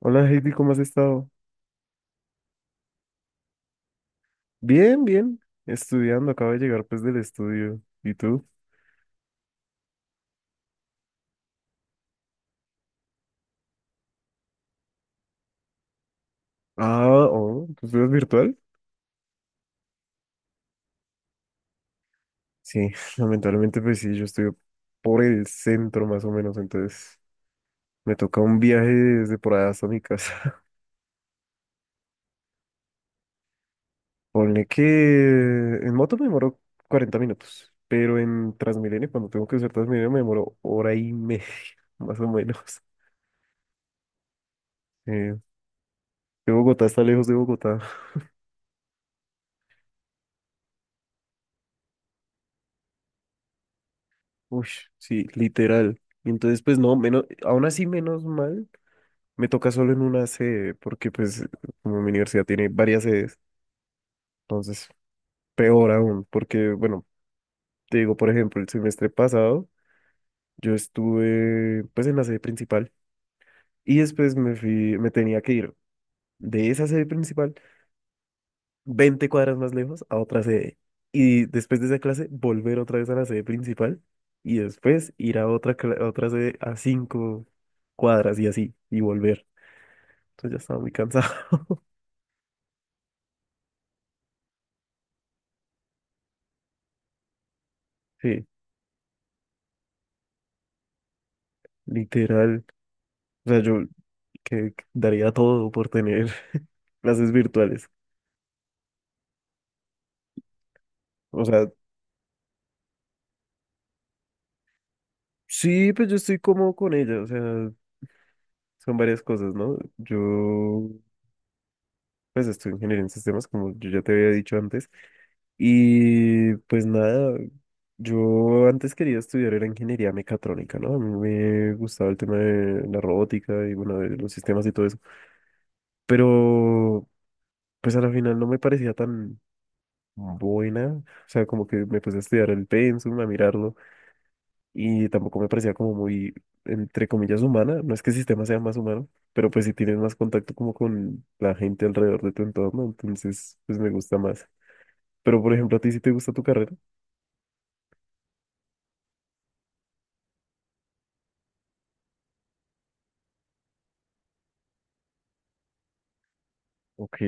Hola Heidi, ¿cómo has estado? Bien, bien. Estudiando, acabo de llegar pues del estudio. ¿Y tú? Ah, oh, ¿tú estudias virtual? Sí, lamentablemente pues sí, yo estoy por el centro más o menos, entonces me toca un viaje desde por allá hasta mi casa. Ponle que en moto me demoro 40 minutos, pero en Transmilenio, cuando tengo que usar Transmilenio, me demoro hora y media, más o menos. Eh, de Bogotá está lejos de Bogotá. Uy, sí, literal. Y entonces, pues no, menos, aún así menos mal, me toca solo en una sede, porque pues como mi universidad tiene varias sedes, entonces peor aún, porque bueno, te digo, por ejemplo, el semestre pasado yo estuve pues en la sede principal y después me fui, me tenía que ir de esa sede principal 20 cuadras más lejos a otra sede. Y después de esa clase, volver otra vez a la sede principal y después ir a otra, a otra sede a 5 cuadras y así, y volver. Entonces ya estaba muy cansado. Sí, literal. O sea, yo que daría todo por tener clases virtuales. O sea, sí, pues yo estoy cómodo con ella. O sea, son varias cosas, ¿no? Yo pues estudio ingeniería en sistemas, como yo ya te había dicho antes. Y pues nada, yo antes quería estudiar era ingeniería mecatrónica, ¿no? A mí me gustaba el tema de la robótica y bueno, de los sistemas y todo eso. Pero pues a la final no me parecía tan buena. O sea, como que me puse a estudiar el pensum, a mirarlo y tampoco me parecía como muy, entre comillas, humana. No es que el sistema sea más humano, pero pues si tienes más contacto como con la gente alrededor de tu entorno, entonces pues me gusta más. Pero, por ejemplo, ¿a ti sí te gusta tu carrera? Ok,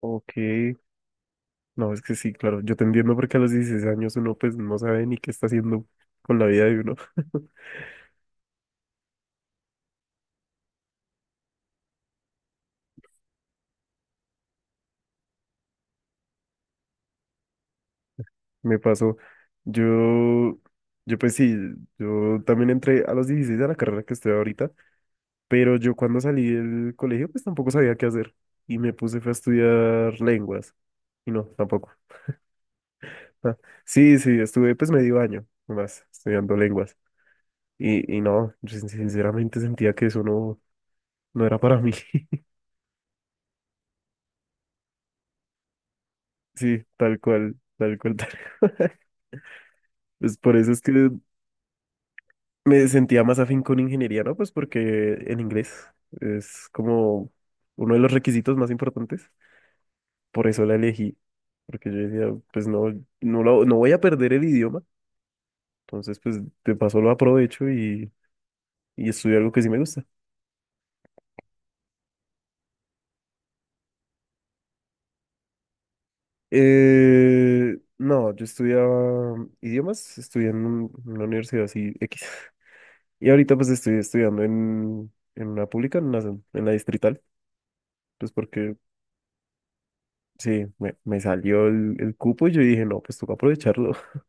ok. No, es que sí, claro, yo te entiendo porque a los 16 años uno pues no sabe ni qué está haciendo con la vida de uno. Me pasó. Yo, yo pues sí, yo también entré a los 16 a la carrera que estoy ahorita, pero yo cuando salí del colegio pues tampoco sabía qué hacer y me puse fue a estudiar lenguas y no, tampoco. Ah, sí, sí, estuve pues medio año más estudiando lenguas. Y no, yo sinceramente sentía que eso no, no era para mí. Sí, tal cual, tal cual, tal cual. Pues por eso es que me sentía más afín con ingeniería, ¿no? Pues porque en inglés es como uno de los requisitos más importantes. Por eso la elegí. Porque yo decía, pues no, no, no voy a perder el idioma. Entonces, pues de paso lo aprovecho y estudio algo que sí me gusta. No, yo estudiaba idiomas, estudié en en una universidad así X. Y ahorita pues estoy estudiando en una pública, en en la distrital, pues porque sí, me salió el cupo y yo dije, no, pues toca aprovecharlo.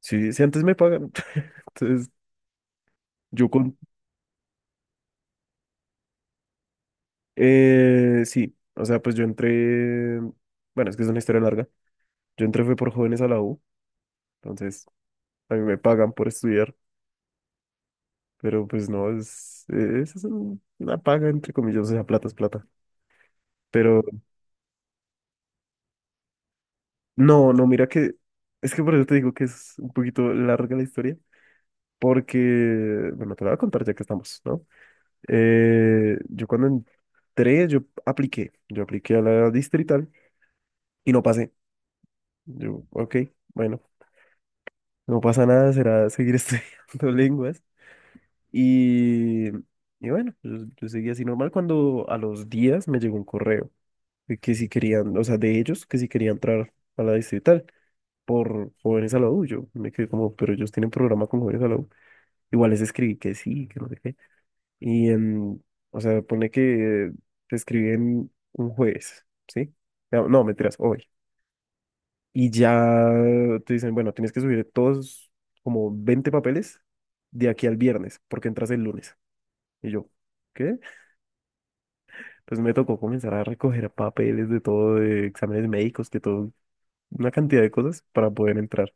Sí, si antes me pagan. Entonces, yo con... sí, o sea, pues yo entré, bueno, es que es una historia larga. Yo entré fue por jóvenes a la U, entonces a mí me pagan por estudiar, pero pues no, es una paga, entre comillas, o sea, plata es plata. Pero no, no, mira que, es que por eso te digo que es un poquito larga la historia. Porque, bueno, te lo voy a contar ya que estamos, ¿no? Yo cuando entré, yo apliqué a la distrital y no pasé. Yo, ok, bueno, no pasa nada, será seguir estudiando lenguas. Y, y bueno, yo seguí así normal cuando a los días me llegó un correo de que si querían, o sea, de ellos, que si querían entrar a la distrital por jóvenes a la U. Yo me quedé como, pero ellos tienen programa con jóvenes a la U. Igual les escribí que sí, que no sé qué. Y, o sea, pone que te escribí en un jueves, ¿sí? No, mentiras, hoy. Y ya te dicen, bueno, tienes que subir todos como 20 papeles de aquí al viernes, porque entras el lunes. Y yo, ¿qué? Pues me tocó comenzar a recoger papeles de todo, de exámenes médicos, que todo, una cantidad de cosas para poder entrar.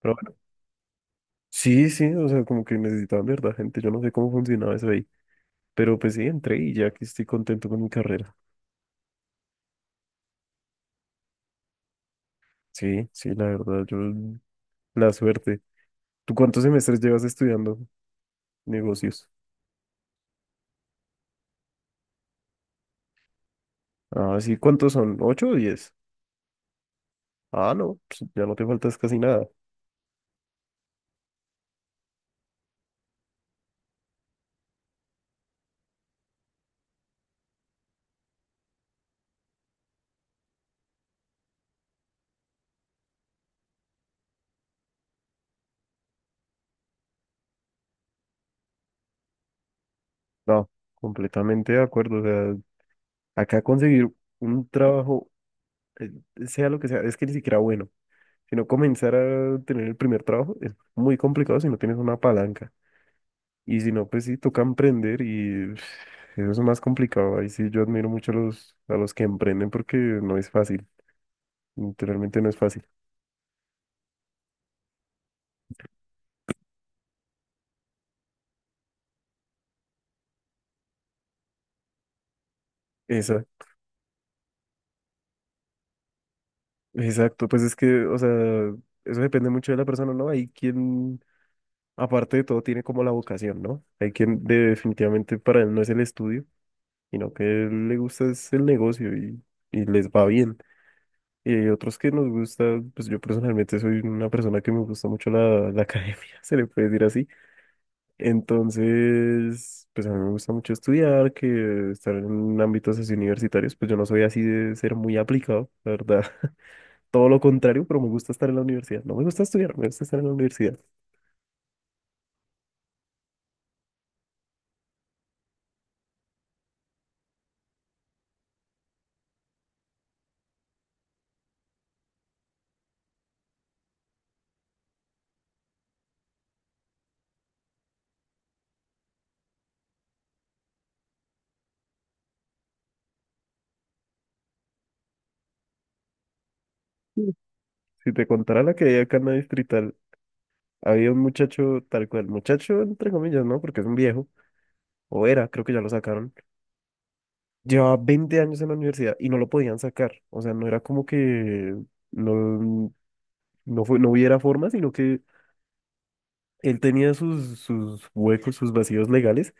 Pero bueno, sí, sí, o sea, como que necesitaban de verdad gente. Yo no sé cómo funcionaba eso ahí. Pero pues sí, entré y ya que estoy contento con mi carrera. Sí, sí, la verdad, yo la suerte. ¿Tú cuántos semestres llevas estudiando negocios? Ah, sí, ¿cuántos son? ¿8 o 10? Ah, no, pues ya no te faltas casi nada. No, completamente de acuerdo. O sea, acá conseguir un trabajo, eh, sea lo que sea, es que ni siquiera bueno. Si no comenzar a tener el primer trabajo es muy complicado si no tienes una palanca. Y si no, pues sí, toca emprender y pf, eso es más complicado. Ahí sí yo admiro mucho a los que emprenden porque no es fácil. Literalmente no es fácil. Exacto, exacto, pues es que, o sea, eso depende mucho de la persona, ¿no? Hay quien, aparte de todo, tiene como la vocación, ¿no? Hay quien definitivamente para él no es el estudio, sino que él le gusta es el negocio y les va bien. Y hay otros que nos gusta, pues yo personalmente soy una persona que me gusta mucho la academia, se le puede decir así. Entonces, pues a mí me gusta mucho estudiar, que estar en ámbitos así universitarios, pues yo no soy así de ser muy aplicado, la verdad. Todo lo contrario, pero me gusta estar en la universidad. No me gusta estudiar, me gusta estar en la universidad. Sí. Si te contara la que había acá en la distrital, había un muchacho tal cual, muchacho entre comillas, ¿no? Porque es un viejo, o era, creo que ya lo sacaron. Llevaba 20 años en la universidad y no lo podían sacar. O sea, no era como que no, no, fue, no hubiera forma, sino que él tenía sus huecos, sus vacíos legales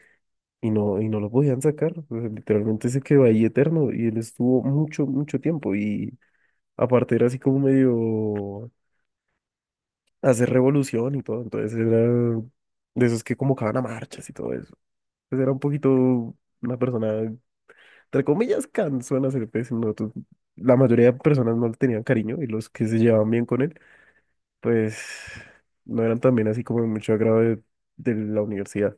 y, no, y no lo podían sacar. O sea, literalmente se quedó ahí eterno y él estuvo mucho, mucho tiempo. Y aparte era así como medio hacer revolución y todo, entonces era de esos que convocaban a marchas y todo eso. Entonces era un poquito una persona, entre comillas, cansona, hacer pues, no, la mayoría de personas no le tenían cariño y los que se llevaban bien con él, pues no eran también así como de mucho agrado de la universidad.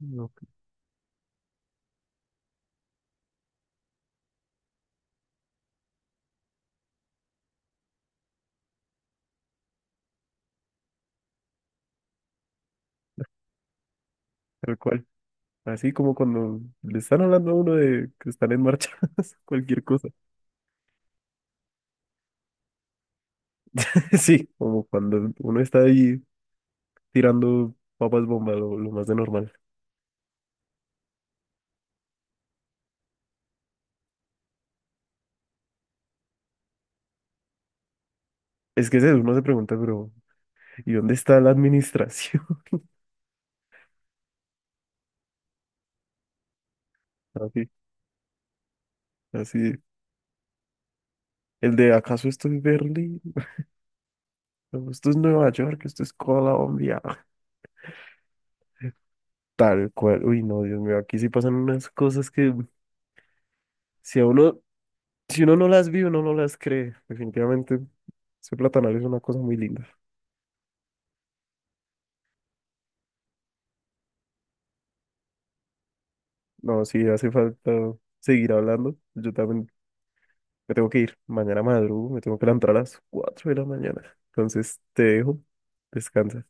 No, tal cual. Así como cuando le están hablando a uno de que están en marchas, cualquier cosa. Sí, como cuando uno está ahí tirando papas bomba, lo más de normal. Es que es uno se pregunta, pero ¿y dónde está la administración? Así, así. El de ¿acaso esto es Berlín? ¿O esto es Nueva York? ¿Esto es Colombia? Tal cual. Uy, no, Dios mío, aquí sí pasan unas cosas que si a uno, si uno no las vive, uno no las cree. Definitivamente, ese platanal es una cosa muy linda. No, sí, hace falta seguir hablando. Yo también me tengo que ir. Mañana madrugo, me tengo que levantar a las 4 de la mañana. Entonces te dejo. Descansa.